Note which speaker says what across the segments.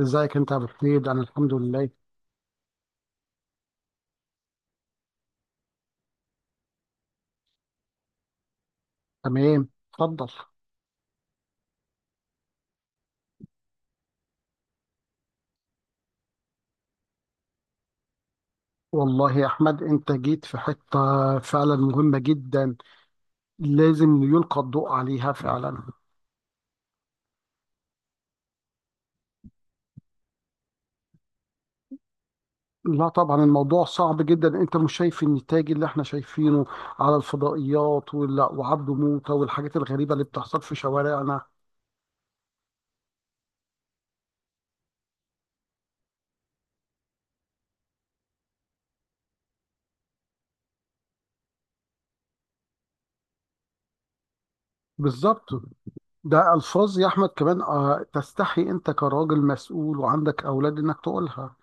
Speaker 1: ازيك انت يا ابو حميد؟ انا الحمد لله. تمام، اتفضل. والله يا احمد انت جيت في حته فعلا مهمه جدا، لازم يلقى الضوء عليها فعلا. لا طبعا الموضوع صعب جدا، انت مش شايف النتاج اللي احنا شايفينه على الفضائيات وعبده موته والحاجات الغريبه اللي بتحصل في شوارعنا. بالظبط، ده الفاظ يا احمد كمان تستحي انت كراجل مسؤول وعندك اولاد انك تقولها.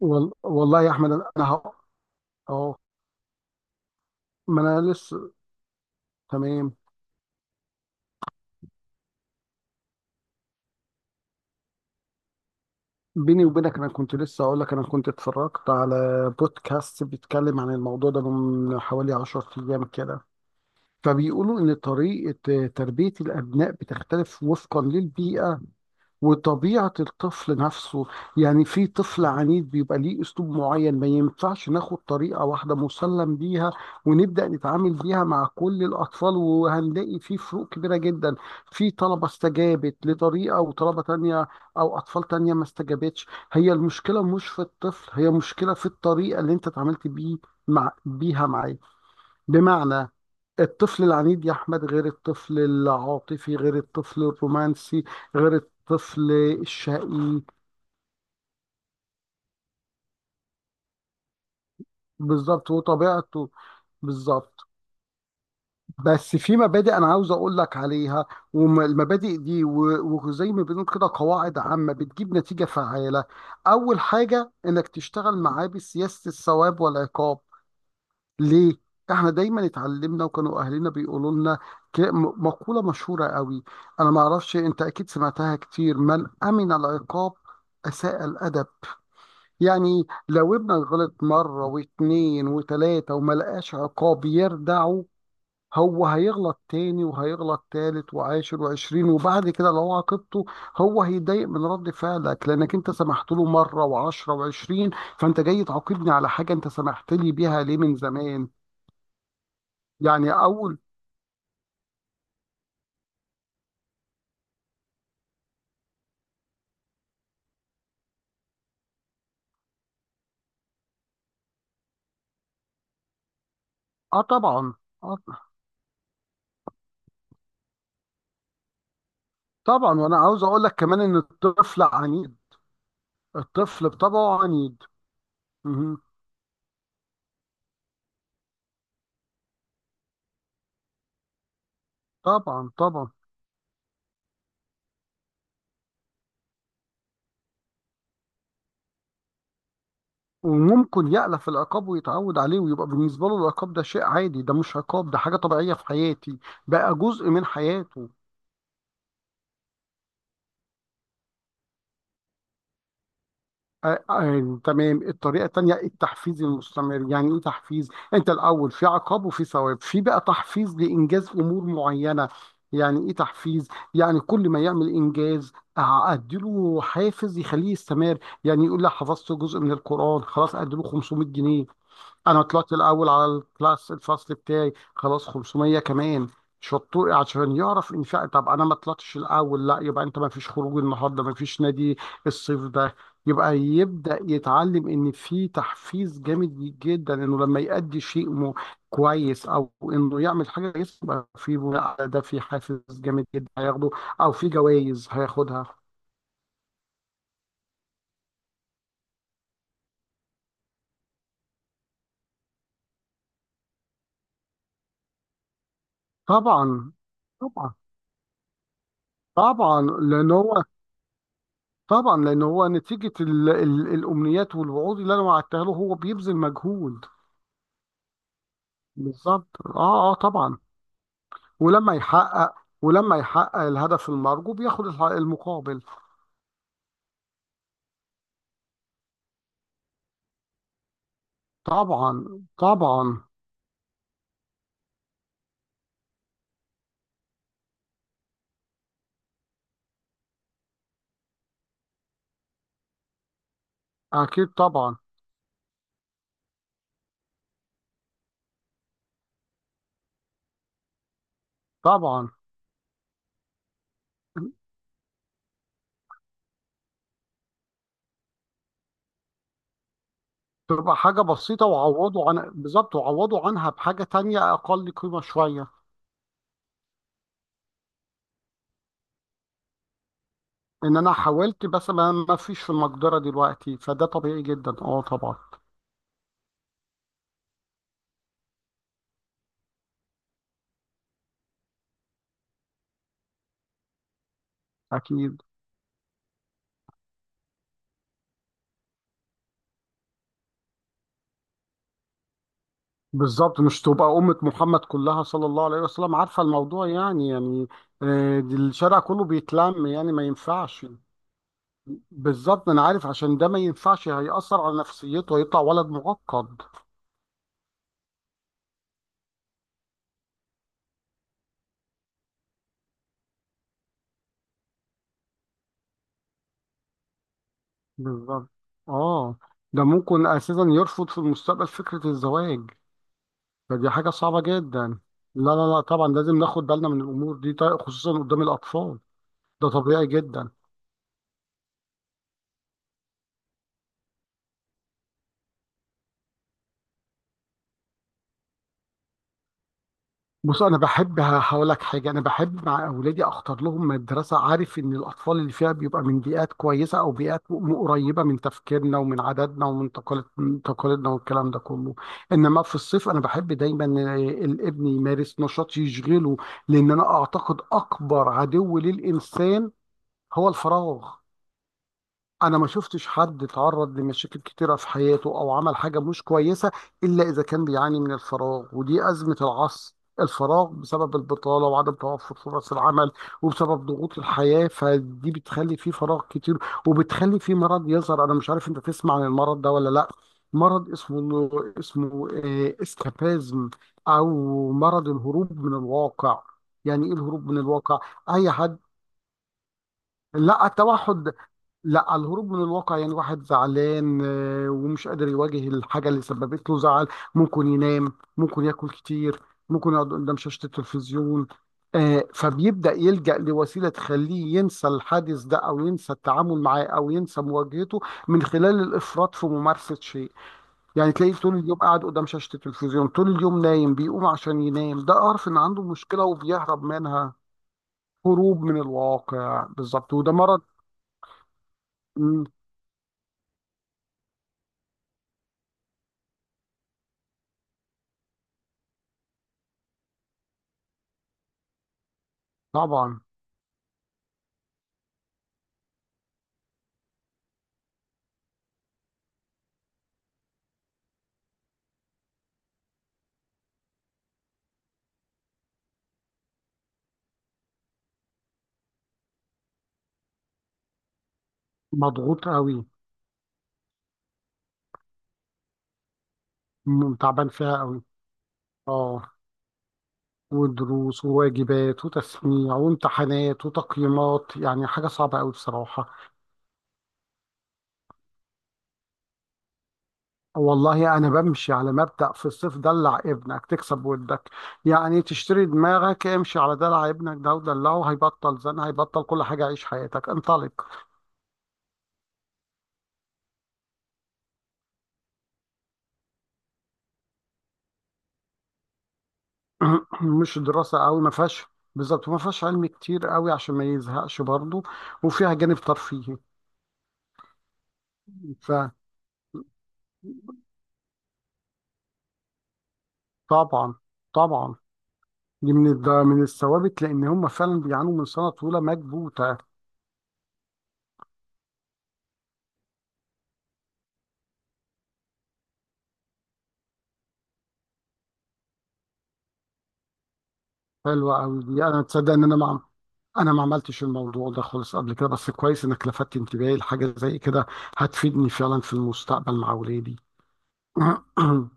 Speaker 1: والله يا احمد انا اه، ما انا لسه. تمام. بيني وبينك انا كنت لسه اقول لك، انا كنت اتفرجت على بودكاست بيتكلم عن الموضوع ده من حوالي 10 ايام كده. فبيقولوا ان طريقة تربية الابناء بتختلف وفقا للبيئة وطبيعة الطفل نفسه. يعني في طفل عنيد بيبقى ليه أسلوب معين، ما ينفعش ناخد طريقة واحدة مسلم بيها ونبدأ نتعامل بيها مع كل الأطفال، وهنلاقي في فروق كبيرة جدا. في طلبة استجابت لطريقة وطلبة تانية أو أطفال تانية ما استجابتش. هي المشكلة مش في الطفل، هي مشكلة في الطريقة اللي أنت اتعاملت بيه مع بيها معاه. بمعنى، الطفل العنيد يا أحمد غير الطفل العاطفي غير الطفل الرومانسي غير الطفل الشقي. بالظبط وطبيعته. بالظبط. بس في مبادئ أنا عاوز أقول لك عليها، والمبادئ دي وزي ما بنقول كده قواعد عامة بتجيب نتيجة فعالة. أول حاجة إنك تشتغل معاه بسياسة الثواب والعقاب. ليه؟ احنا دايما اتعلمنا وكانوا اهلنا بيقولوا لنا مقولة مشهورة قوي، انا ما اعرفش انت اكيد سمعتها كتير: من امن العقاب اساء الادب. يعني لو ابنك غلط مرة واتنين وتلاتة وما لقاش عقاب يردعه، هو هيغلط تاني وهيغلط تالت وعاشر وعشرين، وبعد كده لو عاقبته هو هيتضايق من رد فعلك لانك انت سمحت له مرة وعشرة وعشرين. فانت جاي تعاقبني على حاجة انت سمحت لي بيها ليه من زمان. يعني اول. اه طبعا. آه طبعا، وانا عاوز اقول لك كمان ان الطفل عنيد. الطفل بطبعه عنيد. مهم. طبعا طبعا. وممكن يألف العقاب ويتعود عليه ويبقى بالنسبة له العقاب ده شيء عادي، ده مش عقاب، ده حاجة طبيعية في حياتي، بقى جزء من حياته. تمام. الطريقة التانية التحفيز المستمر. يعني ايه تحفيز؟ انت الاول في عقاب وفي ثواب، في بقى تحفيز لانجاز امور معينة. يعني ايه تحفيز؟ يعني كل ما يعمل انجاز اديله حافز يخليه يستمر. يعني يقول لي حفظت جزء من القرآن، خلاص اديله 500 جنيه. انا طلعت الاول على الكلاس، الفصل بتاعي، خلاص 500 كمان. شطور، عشان يعرف ان فعلا. طب انا ما طلعتش الاول، لا، يبقى انت ما فيش خروج النهارده، ما فيش نادي الصيف ده. يبقى يبدا يتعلم ان في تحفيز جامد جدا انه لما يأدي شيء مو كويس او انه يعمل حاجه كويسه يبقى في بناء على ده في حافز جامد جدا هياخده او في جوائز هياخدها. طبعا طبعا. طبعا لان هو. طبعا لان هو نتيجه ال الامنيات والوعود اللي انا وعدتها له هو بيبذل مجهود. بالظبط، اه اه طبعا. ولما يحقق. ولما يحقق الهدف المرجو بياخد المقابل. طبعا طبعا. اكيد طبعا طبعا. تبقى حاجه بسيطه وعوضوا عن. بالظبط، وعوضوا عنها بحاجه تانية اقل قيمه شويه. ان انا حاولت بس ما فيش في المقدره دلوقتي، فده طبيعي جدا، اه طبعا. اكيد. بالظبط، مش تبقى أمة محمد كلها صلى الله عليه وسلم عارفة الموضوع يعني يعني دي الشارع كله بيتلم، يعني ما ينفعش. بالظبط، أنا عارف عشان ده ما ينفعش، هيأثر على نفسيته، هيطلع ولد معقد. بالظبط. آه، ده ممكن أساسا يرفض في المستقبل فكرة الزواج، فدي حاجة صعبة جدا. لا لا لا، طبعا لازم ناخد بالنا من الأمور دي، طيب، خصوصا قدام الأطفال. ده طبيعي جدا. بص انا بحب هقول لك حاجه، انا بحب مع اولادي اختار لهم مدرسه، عارف ان الاطفال اللي فيها بيبقى من بيئات كويسه او بيئات قريبه من تفكيرنا ومن عاداتنا ومن من تقاليدنا والكلام ده كله. انما في الصيف انا بحب دايما الابن يمارس نشاط يشغله، لان انا اعتقد اكبر عدو للانسان هو الفراغ. انا ما شفتش حد اتعرض لمشاكل كتيره في حياته او عمل حاجه مش كويسه الا اذا كان بيعاني من الفراغ، ودي ازمه العصر. الفراغ بسبب البطاله وعدم توفر فرص العمل، وبسبب ضغوط الحياه، فدي بتخلي فيه فراغ كتير وبتخلي فيه مرض يظهر. انا مش عارف انت تسمع عن المرض ده ولا لا. مرض اسمه، اسمه اسكابازم، او مرض الهروب من الواقع. يعني ايه الهروب من الواقع؟ اي حد. لا التوحد، لا، على الهروب من الواقع. يعني واحد زعلان ومش قادر يواجه الحاجة اللي سببت له زعل، ممكن ينام، ممكن ياكل كتير، ممكن يقعد قدام شاشة التلفزيون. فبيبدأ يلجأ لوسيلة تخليه ينسى الحادث ده أو ينسى التعامل معاه أو ينسى مواجهته من خلال الإفراط في ممارسة شيء. يعني تلاقيه طول اليوم قاعد قدام شاشة التلفزيون، طول اليوم نايم، بيقوم عشان ينام، ده أعرف إن عنده مشكلة وبيهرب منها. هروب من الواقع بالظبط، وده مرض. مم. طبعا. مضغوط قوي. تعبان فيها قوي. اه. ودروس وواجبات وتسميع وامتحانات وتقييمات، يعني حاجة صعبة قوي بصراحة. والله أنا بمشي على مبدأ في الصيف دلع ابنك تكسب ودك، يعني تشتري دماغك، امشي على دلع ابنك، ده ودلعه هيبطل زن، هيبطل كل حاجة، عيش حياتك، انطلق. مش دراسة قوي، ما فيهاش. بالظبط، ما فيهاش علم كتير قوي عشان ما يزهقش برضه، وفيها جانب ترفيهي. فطبعا طبعا، دي من من الثوابت، لان هم فعلا بيعانوا من سنه طويله مكبوته. حلوه قوي دي، انا تصدق ان انا ما، انا ما عملتش الموضوع ده خالص قبل كده، بس كويس انك لفتت انتباهي لحاجه زي كده، هتفيدني فعلا في المستقبل مع اولادي.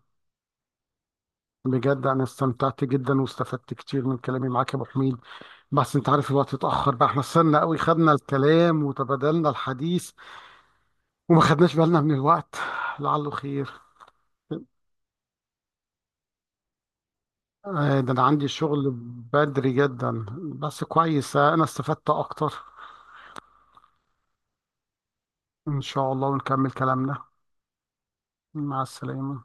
Speaker 1: بجد انا استمتعت جدا واستفدت كتير من كلامي معاك يا ابو حميد، بس انت عارف الوقت اتاخر بقى، احنا استنى قوي خدنا الكلام وتبادلنا الحديث وما خدناش بالنا من الوقت. لعله خير. آه، ده انا عندي شغل بدري جدا، بس كويس انا استفدت اكتر. ان شاء الله ونكمل كلامنا. مع السلامة.